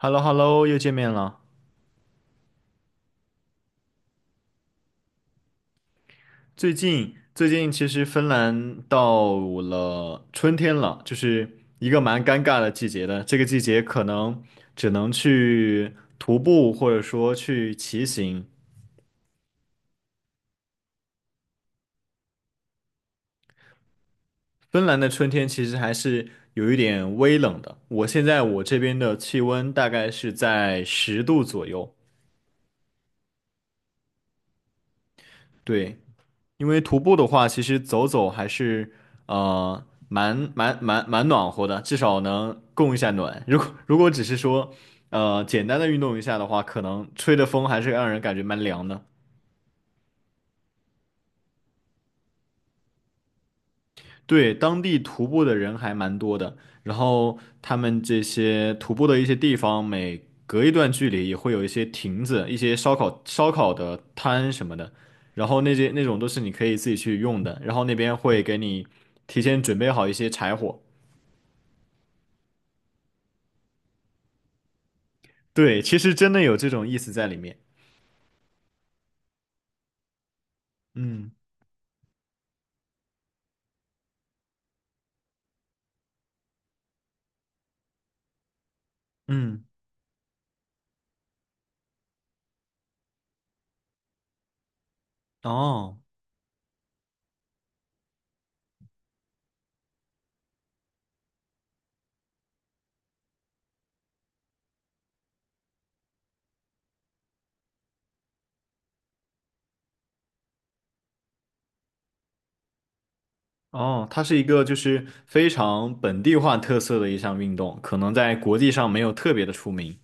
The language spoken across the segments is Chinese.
h e l l o h e l l o 又见面了。最近，其实芬兰到了春天了，就是一个蛮尴尬的季节的。这个季节可能只能去徒步，或者说去骑行。芬兰的春天其实还是有一点微冷的。我现在我这边的气温大概是在十度左右。对，因为徒步的话，其实走走还是蛮暖和的，至少能供一下暖。如果只是说简单的运动一下的话，可能吹的风还是让人感觉蛮凉的。对，当地徒步的人还蛮多的，然后他们这些徒步的一些地方，每隔一段距离也会有一些亭子、一些烧烤的摊什么的，然后那些那种都是你可以自己去用的，然后那边会给你提前准备好一些柴火。对，其实真的有这种意思在里面。嗯嗯，哦哦，它是一个就是非常本地化特色的一项运动，可能在国际上没有特别的出名。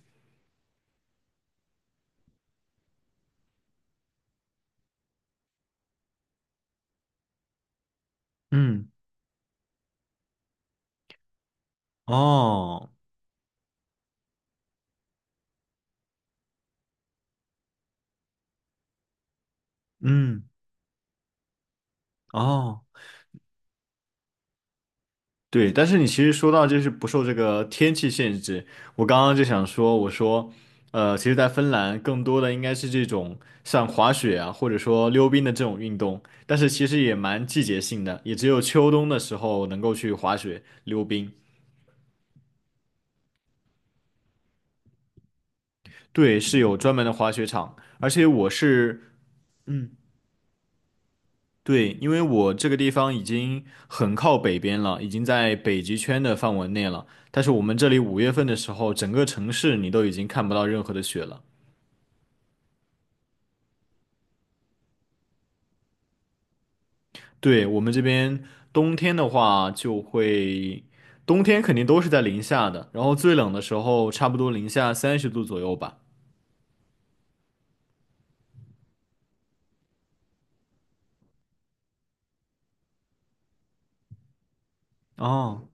嗯，哦，嗯，哦。对，但是你其实说到就是不受这个天气限制，我刚刚就想说，我说，其实，在芬兰更多的应该是这种像滑雪啊，或者说溜冰的这种运动，但是其实也蛮季节性的，也只有秋冬的时候能够去滑雪、溜冰。对，是有专门的滑雪场，而且我是，嗯，对，因为我这个地方已经很靠北边了，已经在北极圈的范围内了，但是我们这里5月份的时候，整个城市你都已经看不到任何的雪了。对，我们这边冬天的话，就会冬天肯定都是在零下的，然后最冷的时候差不多零下30度左右吧。哦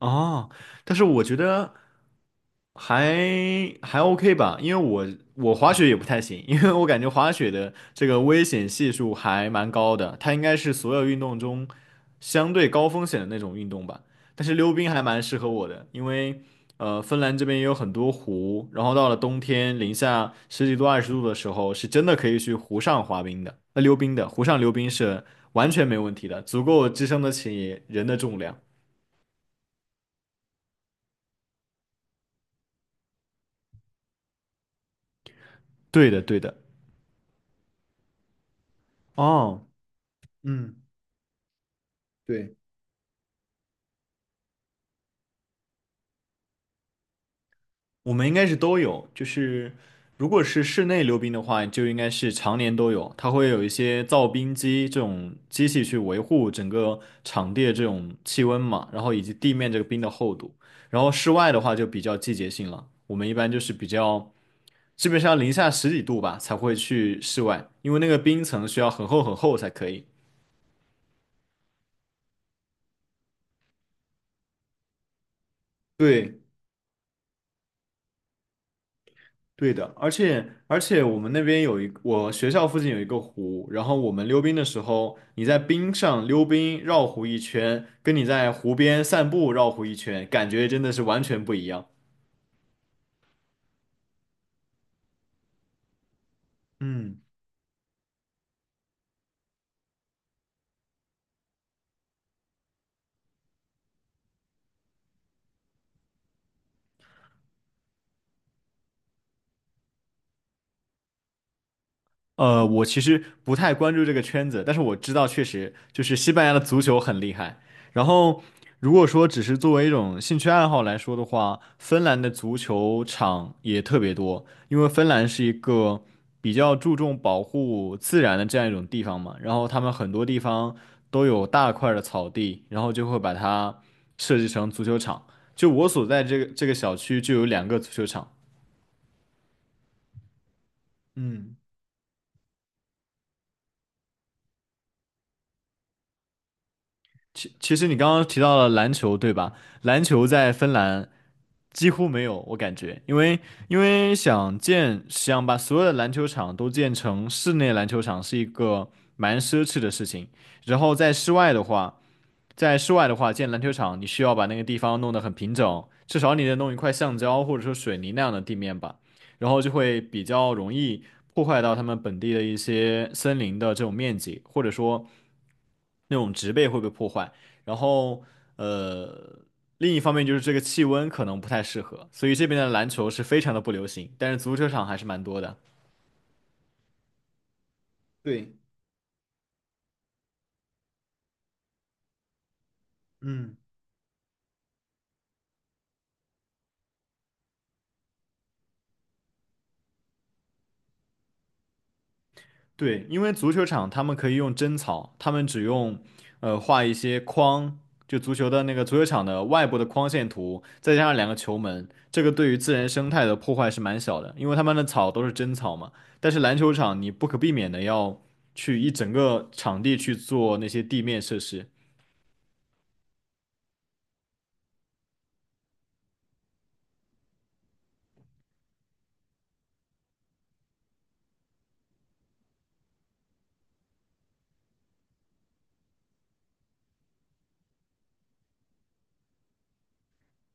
哦，但是我觉得。还OK 吧，因为我滑雪也不太行，因为我感觉滑雪的这个危险系数还蛮高的，它应该是所有运动中相对高风险的那种运动吧。但是溜冰还蛮适合我的，因为芬兰这边也有很多湖，然后到了冬天零下十几度、20度的时候，是真的可以去湖上滑冰的，那溜冰的，湖上溜冰是完全没问题的，足够支撑得起人的重量。对的，对的。哦，嗯。对，我们应该是都有，就是如果是室内溜冰的话，就应该是常年都有，它会有一些造冰机这种机器去维护整个场地的这种气温嘛，然后以及地面这个冰的厚度。然后室外的话就比较季节性了，我们一般就是比较基本上零下十几度吧才会去室外，因为那个冰层需要很厚很厚才可以。对。对的，而且我们那边有一，我学校附近有一个湖，然后我们溜冰的时候，你在冰上溜冰绕湖一圈，跟你在湖边散步绕湖一圈，感觉真的是完全不一样。嗯。我其实不太关注这个圈子，但是我知道确实就是西班牙的足球很厉害。然后，如果说只是作为一种兴趣爱好来说的话，芬兰的足球场也特别多，因为芬兰是一个比较注重保护自然的这样一种地方嘛。然后他们很多地方都有大块儿的草地，然后就会把它设计成足球场。就我所在这个这个小区就有两个足球场。嗯。其其实你刚刚提到了篮球，对吧？篮球在芬兰几乎没有，我感觉，因为想把所有的篮球场都建成室内篮球场是一个蛮奢侈的事情，然后在室外的话,建篮球场，你需要把那个地方弄得很平整，至少你得弄一块橡胶或者说水泥那样的地面吧，然后就会比较容易破坏到他们本地的一些森林的这种面积，或者说那种植被会被破坏。然后，呃，另一方面就是这个气温可能不太适合，所以这边的篮球是非常的不流行，但是足球场还是蛮多的。对，嗯。对，因为足球场他们可以用真草，他们只用画一些框，就足球的那个足球场的外部的框线图，再加上两个球门，这个对于自然生态的破坏是蛮小的，因为他们的草都是真草嘛。但是篮球场你不可避免的要去一整个场地去做那些地面设施，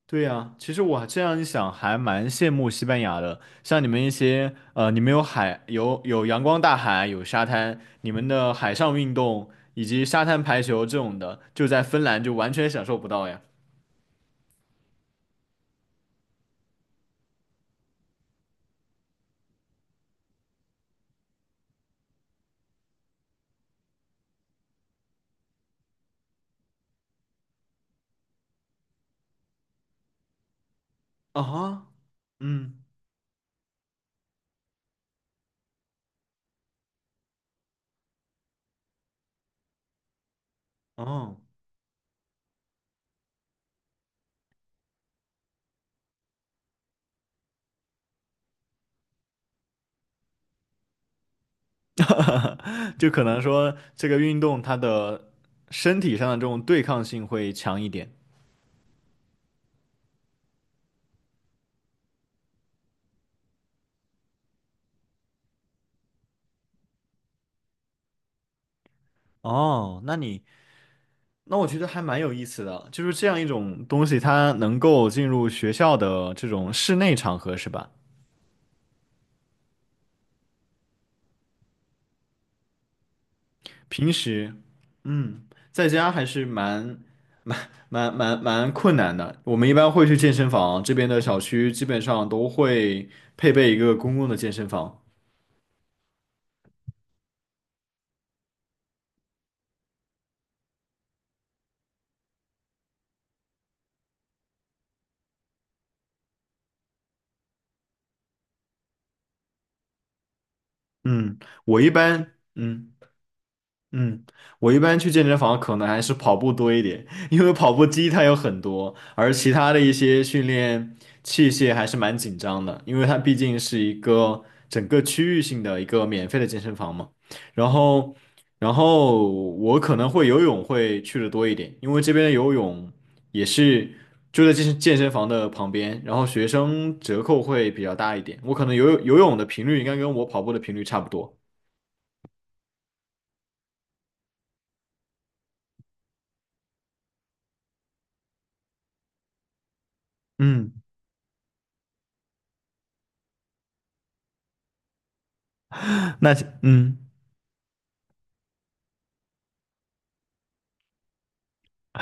对呀，其实我这样一想，还蛮羡慕西班牙的。像你们一些，你们有海，有阳光大海，有沙滩，你们的海上运动以及沙滩排球这种的，就在芬兰就完全享受不到呀。啊，嗯，哦，就可能说这个运动它的身体上的这种对抗性会强一点。哦，那你那我觉得还蛮有意思的，就是这样一种东西，它能够进入学校的这种室内场合，是吧？平时，嗯，在家还是蛮困难的。我们一般会去健身房，这边的小区基本上都会配备一个公共的健身房。嗯，我一般，嗯。嗯，我一般去健身房可能还是跑步多一点，因为跑步机它有很多，而其他的一些训练器械还是蛮紧张的，因为它毕竟是一个整个区域性的一个免费的健身房嘛。然后，然后我可能会游泳会去的多一点，因为这边的游泳也是就在健身房的旁边，然后学生折扣会比较大一点，我可能游泳的频率应该跟我跑步的频率差不多。嗯，那嗯。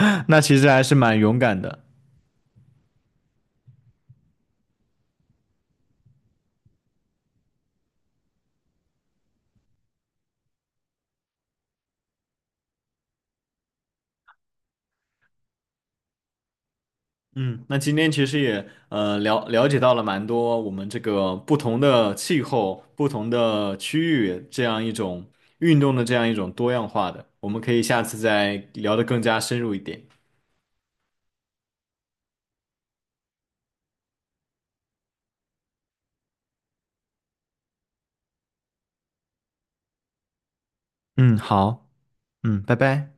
那其实还是蛮勇敢的。嗯，那今天其实也了解到了蛮多我们这个不同的气候、不同的区域这样一种运动的这样一种多样化的，我们可以下次再聊得更加深入一点。嗯，好，嗯，拜拜。